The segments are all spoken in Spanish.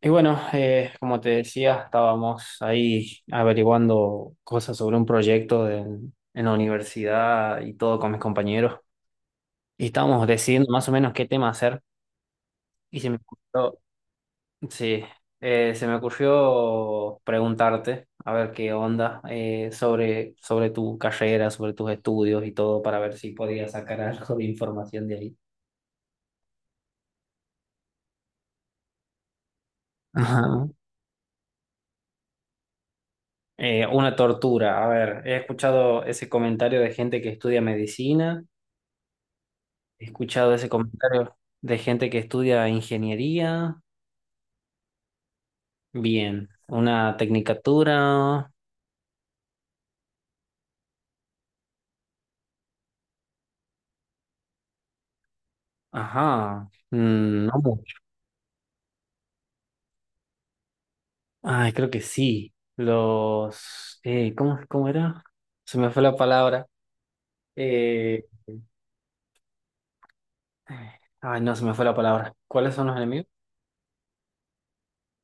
Y bueno, como te decía, estábamos ahí averiguando cosas sobre un proyecto de- en la universidad y todo con mis compañeros. Y estábamos decidiendo más o menos qué tema hacer. Y se me ocurrió, sí, se me ocurrió preguntarte, a ver qué onda, sobre tu carrera, sobre tus estudios y todo, para ver si podías sacar algo de información de ahí. Ajá. Una tortura. A ver, he escuchado ese comentario de gente que estudia medicina. He escuchado ese comentario de gente que estudia ingeniería. Bien. Una tecnicatura. Ajá. Mm, no mucho. Ay, creo que sí. Los... ¿cómo, cómo era? Se me fue la palabra. Eh, ay, no, se me fue la palabra. ¿Cuáles son los enemigos?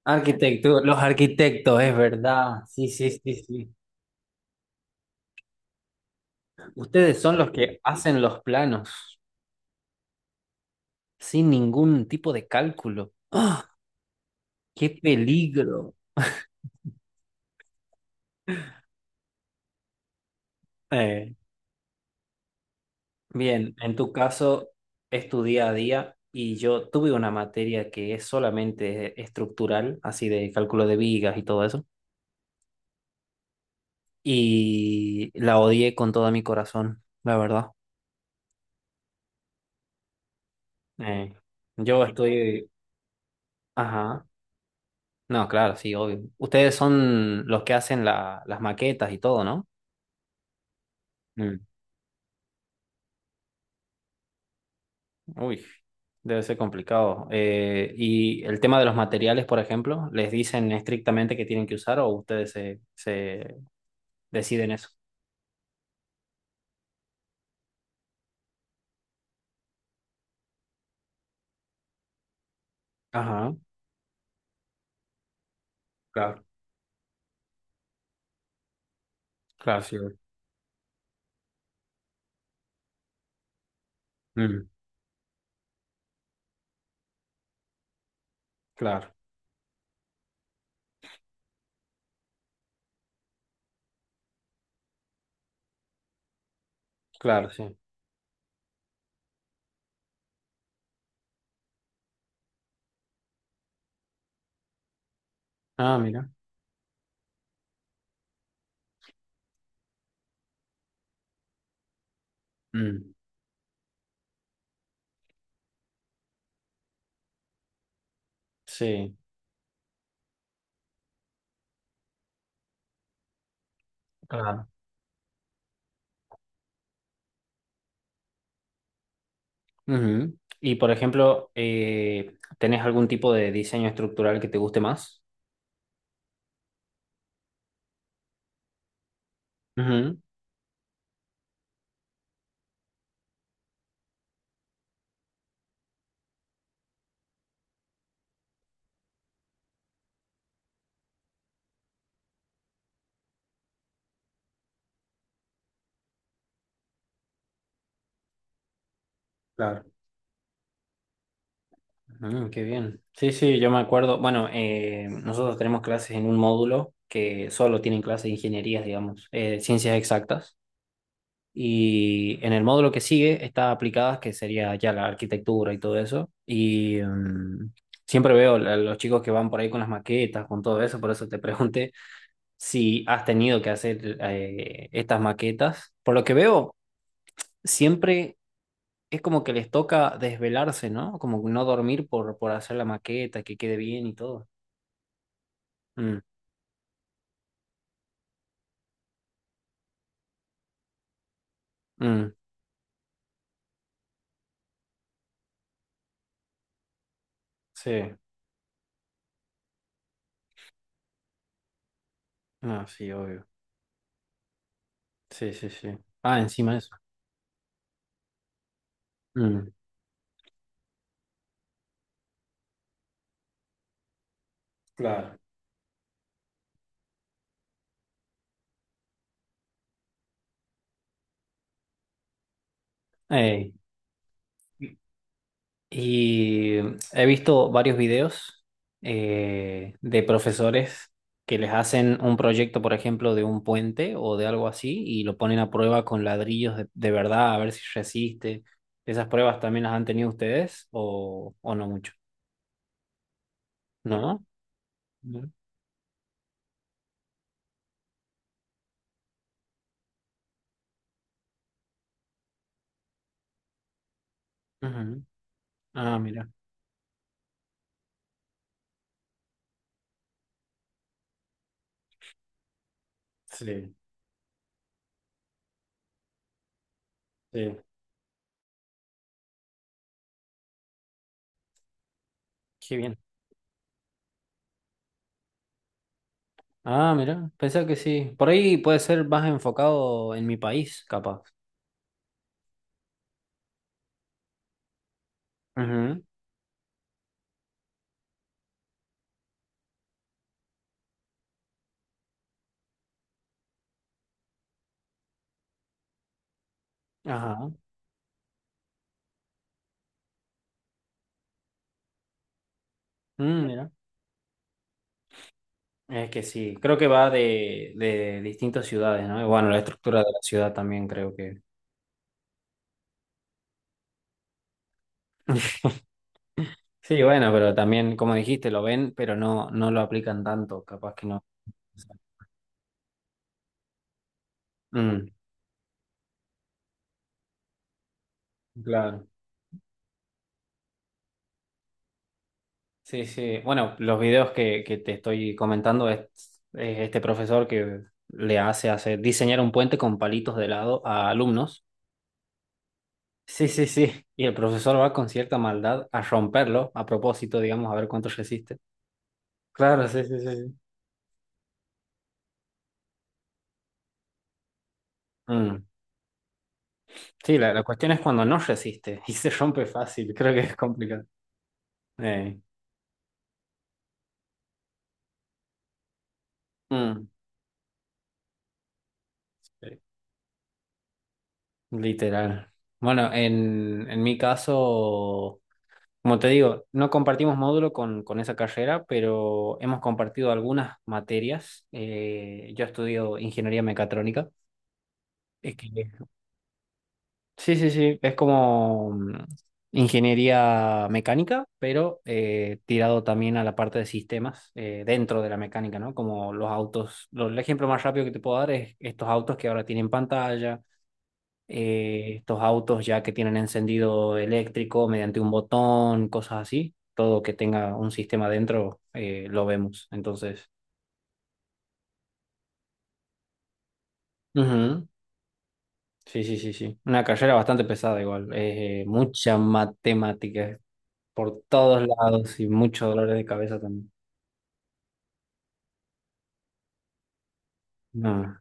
Arquitecto, los arquitectos, es verdad. Sí, sí, sí, sí. Ustedes son los que hacen los planos sin ningún tipo de cálculo. ¡Ah! ¡Qué peligro! Eh, Bien, en tu caso es tu día a día y yo tuve una materia que es solamente estructural, así de cálculo de vigas y todo eso, y la odié con todo mi corazón, la verdad. Eh, yo estoy... Ajá, no, claro, sí, obvio. Ustedes son los que hacen la- las maquetas y todo, ¿no? Mm, uy, debe ser complicado. Y el tema de los materiales, por ejemplo, ¿les dicen estrictamente que tienen que usar o ustedes se deciden eso? Ajá, claro, claro, sí, güey. Mm, claro, claro, sí. Ah, mira. Mm, sí, claro. Ujú. Y por ejemplo, ¿tenés algún tipo de diseño estructural que te guste más? Ujú, claro. Mm, qué bien. Sí, sí, yo me acuerdo. Bueno, nosotros tenemos clases en un módulo que solo tienen clases de ingenierías, digamos, ciencias exactas. Y en el módulo que sigue está aplicadas, que sería ya la arquitectura y todo eso. Y mm, siempre veo a los chicos que van por ahí con las maquetas, con todo eso. Por eso te pregunté si has tenido que hacer estas maquetas. Por lo que veo, siempre es como que les toca desvelarse, ¿no? Como no dormir por hacer la maqueta, que quede bien y todo. Mm, mm, sí, no, sí, obvio. Sí, sí, sí. Ah, encima de eso. Mm, claro. Ey. Y he visto varios videos de profesores que les hacen un proyecto, por ejemplo, de un puente o de algo así, y lo ponen a prueba con ladrillos de verdad, a ver si resiste. ¿Esas pruebas también las han tenido ustedes o no mucho? ¿No? No. Ujú. Ah, mira. Sí, sí. Qué bien. Ah, mira. Pensé que sí. Por ahí puede ser más enfocado en mi país, capaz. Ujú. Ajá. Mm, mira. Es que sí, creo que va de distintas ciudades, ¿no? Y bueno, la estructura de la ciudad también creo que... Sí, bueno, pero también, como dijiste, lo ven, pero no, no lo aplican tanto, capaz que no. Mm, claro. Sí, sí. Bueno, los videos que te estoy comentando es este profesor que le hace hacer diseñar un puente con palitos de lado a alumnos. Sí, sí, sí. Y el profesor va con cierta maldad a romperlo, a propósito, digamos, a ver cuánto resiste. Claro, sí, sí, sí. Sí. Mm. Sí, la cuestión es cuando no resiste y se rompe fácil, creo que es complicado. Eh, mm, eh, literal. Bueno, en mi caso, como te digo, no compartimos módulo con esa carrera, pero hemos compartido algunas materias. Yo estudio ingeniería mecatrónica, que sí, sí, sí, es como mm, ingeniería mecánica, pero tirado también a la parte de sistemas dentro de la mecánica, ¿no? Como los autos, lo- el ejemplo más rápido que te puedo dar es estos autos que ahora tienen pantalla, estos autos ya que tienen encendido eléctrico mediante un botón, cosas así, todo que tenga un sistema dentro lo vemos, entonces. Ujú, sí, sí, sí, sí. Una carrera bastante pesada igual, mucha matemática por todos lados y muchos dolores de cabeza también. No.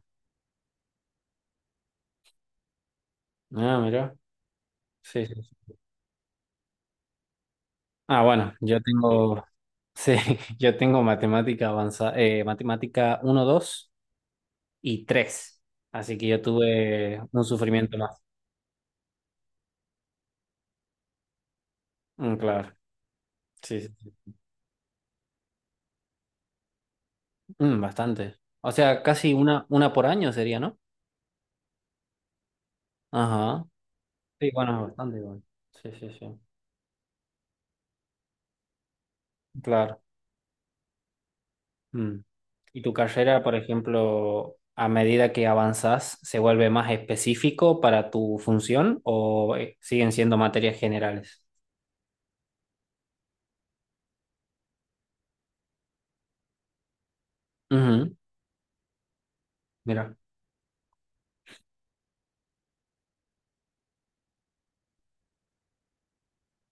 Ah, mira. Sí, sí, sí. Ah, bueno, yo tengo, sí, yo tengo matemática avanzada, matemática uno 2 y tres. Así que yo tuve un sufrimiento más. Mm, claro, sí, sí, sí. Mm, bastante. O sea, casi una por año sería, ¿no? Ajá. Sí, bueno, bastante igual. Sí, sí, sí. Claro. Mm. ¿Y tu carrera, por ejemplo, a medida que avanzás, se vuelve más específico para tu función o siguen siendo materias generales? Ujú, mira,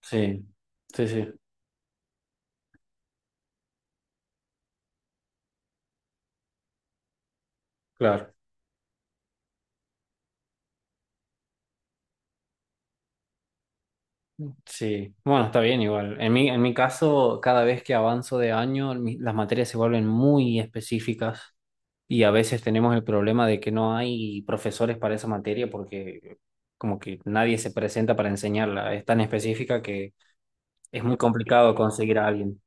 sí, sí, sí, claro, sí. Bueno, está bien igual. En mi caso, cada vez que avanzo de año, mi- las materias se vuelven muy específicas y a veces tenemos el problema de que no hay profesores para esa materia porque como que nadie se presenta para enseñarla. Es tan específica que es muy complicado conseguir a alguien.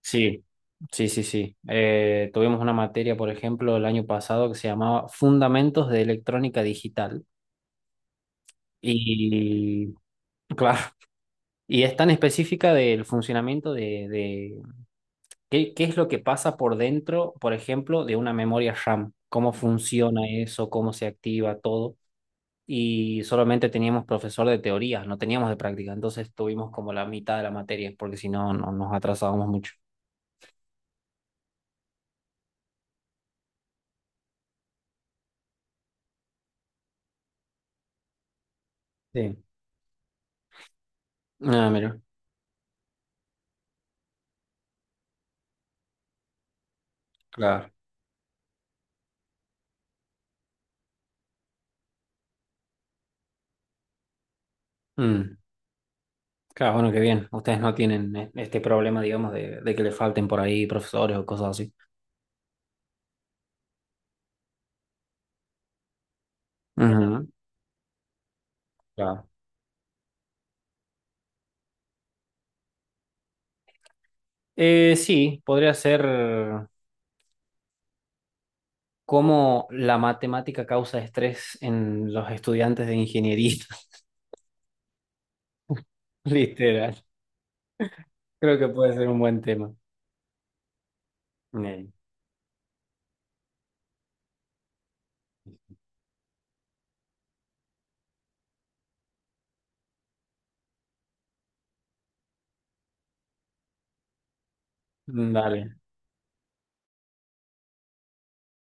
Sí, sí, sí, sí. Tuvimos una materia, por ejemplo, el año pasado que se llamaba Fundamentos de Electrónica Digital. Y, claro, y es tan específica del funcionamiento de qué, qué es lo que pasa por dentro, por ejemplo, de una memoria RAM, cómo funciona eso, cómo se activa todo. Y solamente teníamos profesor de teoría, no teníamos de práctica. Entonces tuvimos como la mitad de la materia, porque si no, no nos atrasábamos mucho. Sí. Ah, mira, claro. Mm. Claro, bueno, qué bien. Ustedes no tienen e- este problema, digamos, de que le falten por ahí profesores o cosas así. Ujú, claro. Sí, podría ser cómo la matemática causa estrés en los estudiantes de ingeniería. Literal. Creo que puede ser un buen tema. Eh, Dale.